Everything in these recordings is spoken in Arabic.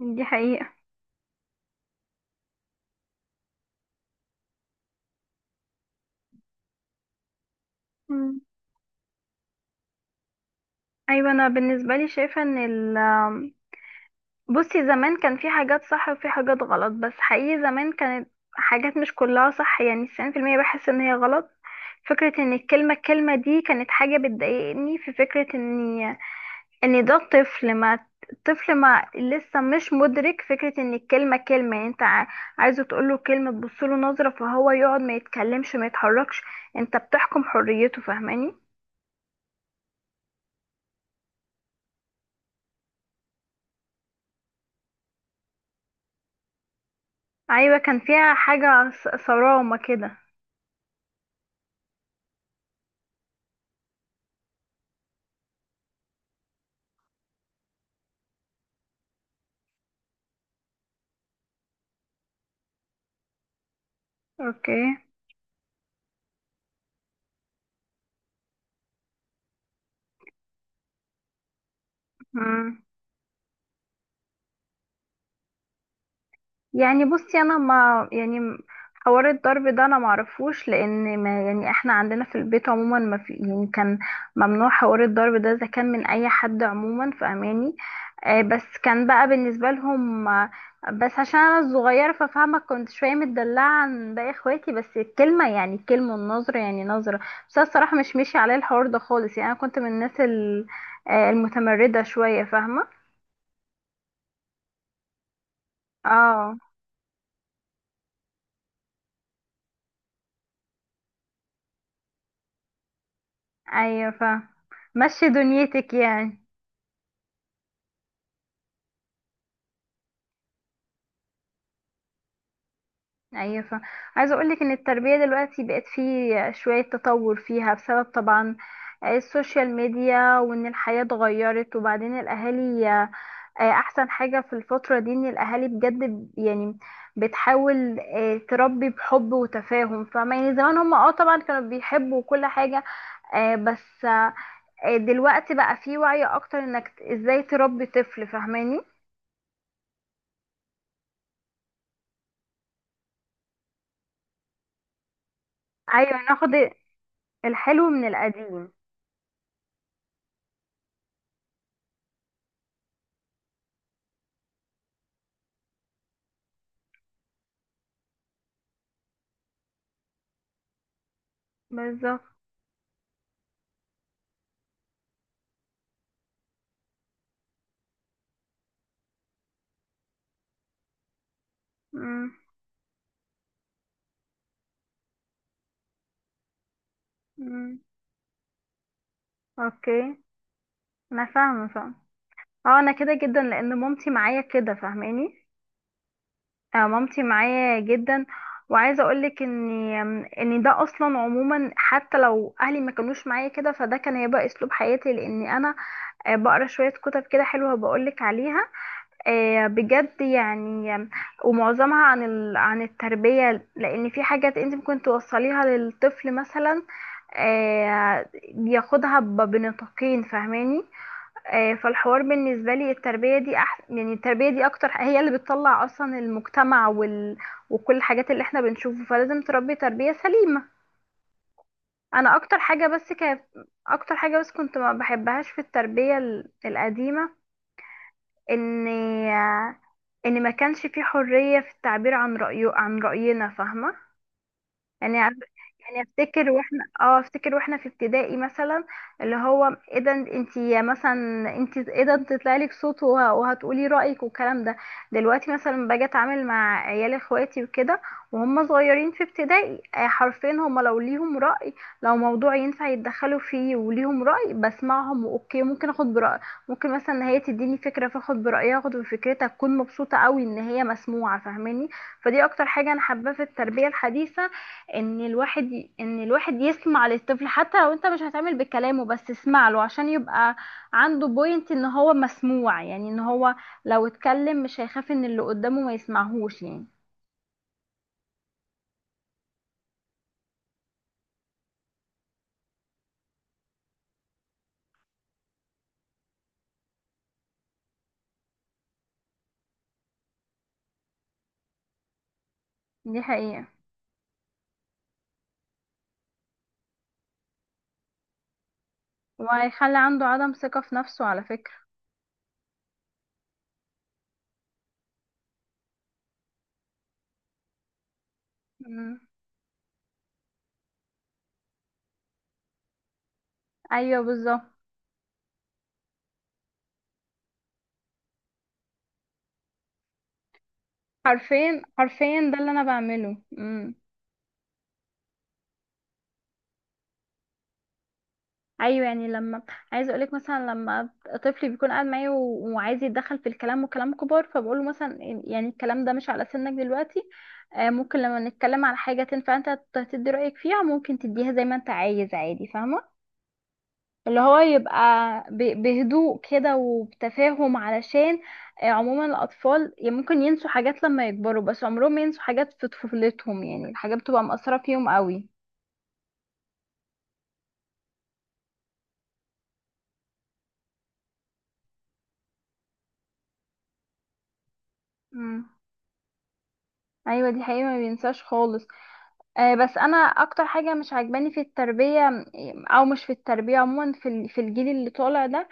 دي حقيقة. مم. أيوة، أنا بالنسبة لي شايفة إن بصي، زمان كان في حاجات صح وفي حاجات غلط، بس حقيقي زمان كانت حاجات مش كلها صح، يعني 90% بحس إن هي غلط. فكرة إن الكلمة دي كانت حاجة بتضايقني، في فكرة إن ده طفل ما الطفل ما لسه مش مدرك فكرة إن الكلمة كلمة، يعني أنت عايزه تقوله كلمة تبصله نظرة فهو يقعد ما يتكلمش ما يتحركش، أنت بتحكم حريته، فاهماني. ايوه، كان فيها حاجة صرامة كده. اوكي. مم. يعني بصي انا ما يعني حوار الضرب ده انا معرفوش، لان ما يعني احنا عندنا في البيت عموما ما في، يعني كان ممنوع حوار الضرب ده اذا كان من اي حد عموما، فاهماني. بس كان بقى بالنسبه لهم، بس عشان انا الصغيره ففاهمه، كنت شويه متدلعه عن باقي اخواتي، بس الكلمه يعني الكلمه والنظره يعني نظره. بس أنا الصراحه مش ماشي عليه الحوار ده خالص، يعني انا كنت من الناس المتمرده شويه، فاهمه. اه. ايوه فاهمه. مشي دنيتك يعني. ايوه، عايزه اقول لك ان التربيه دلوقتي بقت فيه شويه تطور فيها بسبب طبعا السوشيال ميديا، وان الحياه اتغيرت، وبعدين الاهالي، احسن حاجه في الفتره دي ان الاهالي بجد يعني بتحاول تربي بحب وتفاهم. فما يعني زمان هم طبعا كانوا بيحبوا كل حاجه، بس، دلوقتي بقى فيه وعي اكتر انك ازاي تربي طفل، فاهماني. ايوه ناخد الحلو من القديم. بالظبط. مم. مم. اوكي. انا فاهمه فاهمه. اه انا كده جدا، لان مامتي معايا كده، فاهماني. مامتي معايا جدا، وعايزه اقولك ان ده اصلا عموما حتى لو اهلي ما كانوش معايا كده، فده كان هيبقى اسلوب حياتي، لان انا بقرا شويه كتب كده حلوه بقولك عليها، بجد يعني، ومعظمها عن التربيه، لان في حاجات انت ممكن توصليها للطفل مثلا، آه بياخدها بنطاقين، فاهماني. فالحوار بالنسبة لي التربية دي أحسن، يعني التربية دي أكتر هي اللي بتطلع أصلا المجتمع وكل الحاجات اللي احنا بنشوفه، فلازم تربي تربية سليمة. أنا أكتر حاجة بس كانت، أكتر حاجة بس كنت ما بحبهاش في التربية القديمة، إن آه، إن ما كانش في حرية في التعبير عن رأيه، عن رأينا، فاهمة. يعني يعني افتكر واحنا، في ابتدائي مثلا، اللي هو ايه ده، انتي مثلا انتي ايه ده تطلع لك صوت وهتقولي رأيك والكلام ده. دلوقتي مثلا باجي اتعامل مع عيال اخواتي وكده وهم صغيرين في ابتدائي، حرفيا هم لو ليهم رأي، لو موضوع ينفع يتدخلوا فيه وليهم رأي بسمعهم، اوكي ممكن اخد برأي، ممكن مثلا إن هي تديني فكرة فاخد برأيها اخد بفكرتها، اكون مبسوطة قوي ان هي مسموعة، فاهماني. فدي اكتر حاجة انا حابة في التربية الحديثة، ان الواحد يسمع للطفل، حتى لو انت مش هتعمل بكلامه بس اسمع له عشان يبقى عنده بوينت ان هو مسموع، يعني ان هو لو اتكلم مش هيخاف ان اللي قدامه ما يسمعهوش يعني. دي حقيقة. وهيخلي عنده عدم ثقة في نفسه على فكرة. مم. ايوه بالظبط. حرفيا حرفيا ده اللي انا بعمله. مم. ايوه، يعني لما، عايزه اقولك مثلا لما طفلي بيكون قاعد معايا و- وعايز يتدخل في الكلام وكلام كبار، فبقوله مثلا يعني الكلام ده مش على سنك دلوقتي، ممكن لما نتكلم على حاجه تنفع انت تدي رايك فيها، ممكن تديها زي ما انت عايز عادي، فاهمه. اللي هو يبقى بهدوء كده وبتفاهم، علشان، عموما الاطفال يعني ممكن ينسوا حاجات لما يكبروا، بس عمرهم ما ينسوا حاجات في طفولتهم، يعني الحاجات بتبقى مأثره فيهم قوي. امم ايوه. دي حقيقة، ما بينساش خالص. بس انا اكتر حاجه مش عاجباني في التربيه، او مش في التربيه عموما، في في الجيل اللي طالع ده،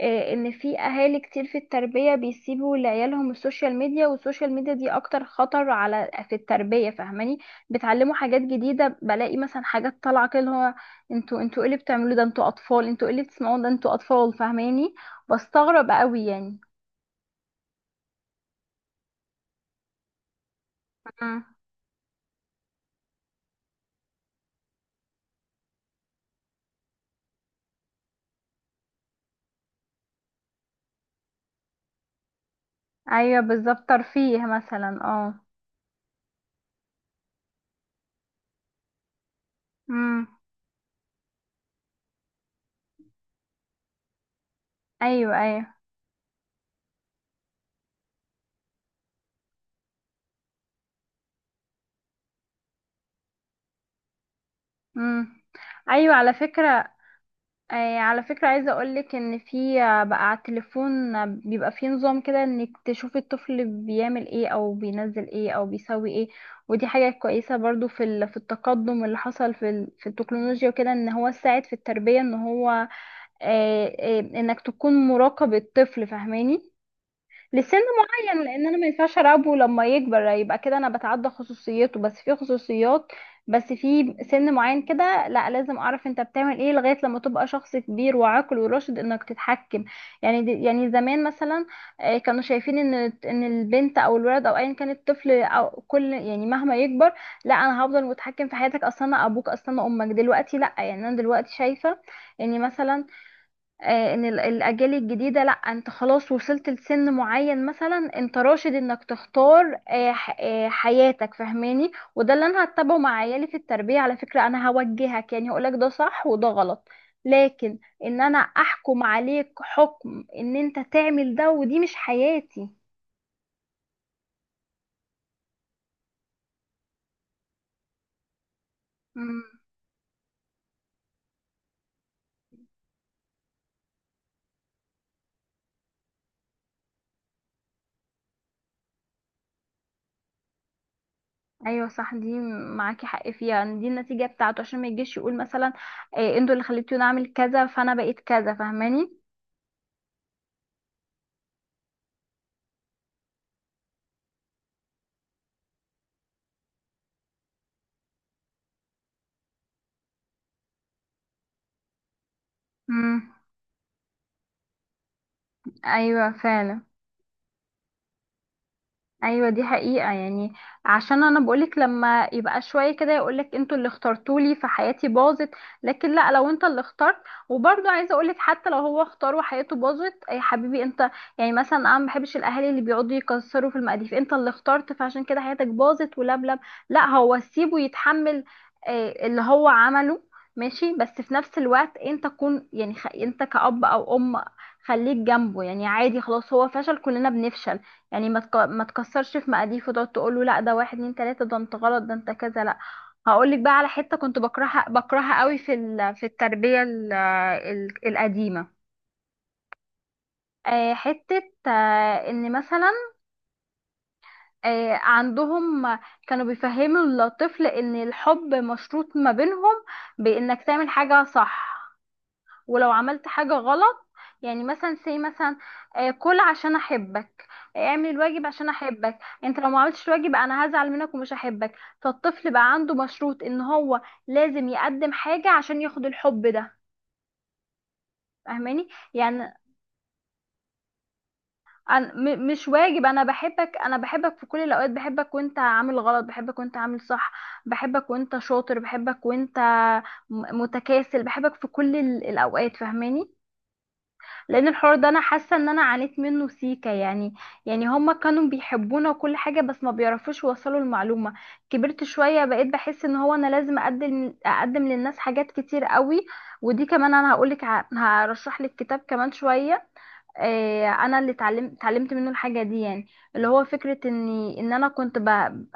ان في اهالي كتير في التربيه بيسيبوا لعيالهم السوشيال ميديا، والسوشيال ميديا دي اكتر خطر على في التربيه، فاهماني. بتعلموا حاجات جديده، بلاقي مثلا حاجات طالعه كده اللي هو انتوا ايه اللي بتعملوه ده، انتوا اطفال، انتوا ايه اللي بتسمعوه ده، انتوا اطفال، فاهماني. بستغرب قوي يعني. مم. ايوه بالظبط، ترفيه مثلا. اه امم. ايوه ايوه. امم. ايوه على فكره، على فكره، عايزه اقولك ان في، بقى على التليفون، بيبقى في نظام كده انك تشوفي الطفل بيعمل ايه او بينزل ايه او بيسوي ايه، ودي حاجه كويسه برضو في في التقدم اللي حصل في في التكنولوجيا وكده، ان هو ساعد في التربيه، ان هو آه، آه، انك تكون مراقب الطفل، فاهماني. لسن معين، لان انا ما ينفعش اراقبه لما يكبر، يبقى كده انا بتعدى خصوصيته، بس في خصوصيات، بس في سن معين كده لا، لازم اعرف انت بتعمل ايه لغايه لما تبقى شخص كبير وعاقل وراشد، انك تتحكم. يعني دي يعني زمان مثلا، كانوا شايفين ان، ان البنت او الولد او ايا كان الطفل، او كل يعني مهما يكبر، لا انا هفضل متحكم في حياتك، اصلا انا ابوك، اصلا انا امك. دلوقتي لا، يعني انا دلوقتي شايفه اني مثلا، الاجيال الجديده لا، انت خلاص وصلت لسن معين مثلا، انت راشد انك تختار، حياتك فهماني، وده اللي انا هتبعه مع عيالي في التربيه على فكره. انا هوجهك، يعني هقولك ده صح وده غلط، لكن ان انا احكم عليك حكم ان انت تعمل ده، ودي مش حياتي. مم. ايوه صح دي. معاكي حق فيها، يعني دي النتيجه بتاعته، عشان ما يجيش يقول مثلا، انتوا اللي خليتوني اعمل كذا، فانا بقيت كذا، فاهماني. مم. ايوه فعلا. ايوه دي حقيقة، يعني عشان انا بقولك لما يبقى شوية كده يقولك انتوا اللي اخترتولي فحياتي باظت، لكن لا، لو انت اللي اخترت. وبرضه عايزة اقولك حتى لو هو اختار وحياته باظت يا حبيبي انت، يعني مثلا انا ما بحبش الاهالي اللي بيقعدوا يكسروا في المقاديف، انت اللي اخترت فعشان كده حياتك باظت ولبلب، لا، هو سيبه يتحمل، اللي هو عمله، ماشي. بس في نفس الوقت انت كن يعني انت كأب او ام، خليك جنبه يعني عادي، خلاص هو فشل، كلنا بنفشل، يعني ما تكسرش في مقاديف وتقعد تقول له لا ده واحد اتنين تلاته ده انت غلط ده انت كذا لا. هقول لك بقى على حته كنت بكرهها بكرهها قوي في التربيه القديمه، حته، ان مثلا، عندهم كانوا بيفهموا الطفل ان الحب مشروط ما بينهم، بانك تعمل حاجه صح، ولو عملت حاجة غلط، يعني مثلا سي مثلا، كل عشان احبك، اعمل الواجب عشان احبك، انت لو ما عملتش الواجب انا هزعل منك ومش هحبك، فالطفل بقى عنده مشروط ان هو لازم يقدم حاجة عشان ياخد الحب ده، فاهماني. يعني أنا مش واجب، انا بحبك، انا بحبك في كل الاوقات، بحبك وانت عامل غلط، بحبك وانت عامل صح، بحبك وانت شاطر، بحبك وانت متكاسل، بحبك في كل الاوقات، فاهماني. لان الحوار ده انا حاسه ان انا عانيت منه سيكا يعني، يعني هما كانوا بيحبونا وكل حاجه بس ما بيعرفوش يوصلوا المعلومه. كبرت شويه بقيت بحس ان هو انا لازم اقدم اقدم للناس حاجات كتير قوي، ودي كمان انا هقولك هرشح لك كتاب كمان شويه، انا اللي اتعلمت اتعلمت منه الحاجه دي يعني، اللي هو فكره اني ان انا كنت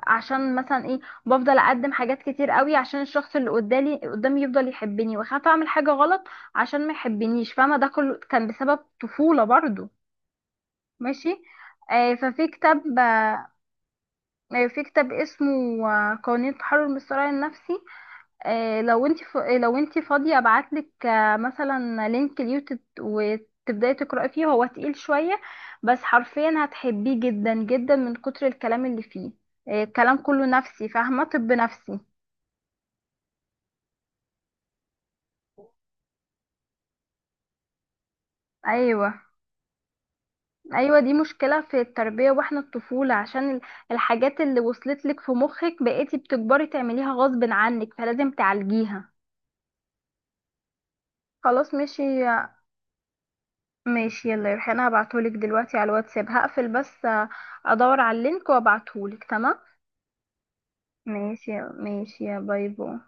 عشان مثلا ايه، بفضل اقدم حاجات كتير قوي عشان الشخص اللي قدامي قدامي يفضل يحبني، واخاف اعمل حاجه غلط عشان ما يحبنيش، فاهمه، ده كله كان بسبب طفوله برضو. ماشي. آه، ففي كتاب آه، في كتاب اسمه، قوانين التحرر من الصراع النفسي. لو انت فاضيه ابعتلك، مثلا لينك اليوتيوب وتبداي تقراي فيه، هو تقيل شويه بس حرفيا هتحبيه جدا جدا من كتر الكلام اللي فيه، الكلام كله نفسي فاهمه، طب نفسي. ايوه ايوه، دي مشكله في التربيه واحنا الطفوله عشان الحاجات اللي وصلت لك في مخك بقيتي بتكبري تعمليها غصب عنك، فلازم تعالجيها. خلاص ماشي. ماشي يلا يا ريحان، هبعتهولك دلوقتي على الواتساب، هقفل بس، ادور على اللينك وابعتهولك، تمام. ماشي يا، ماشي، يا باي باي.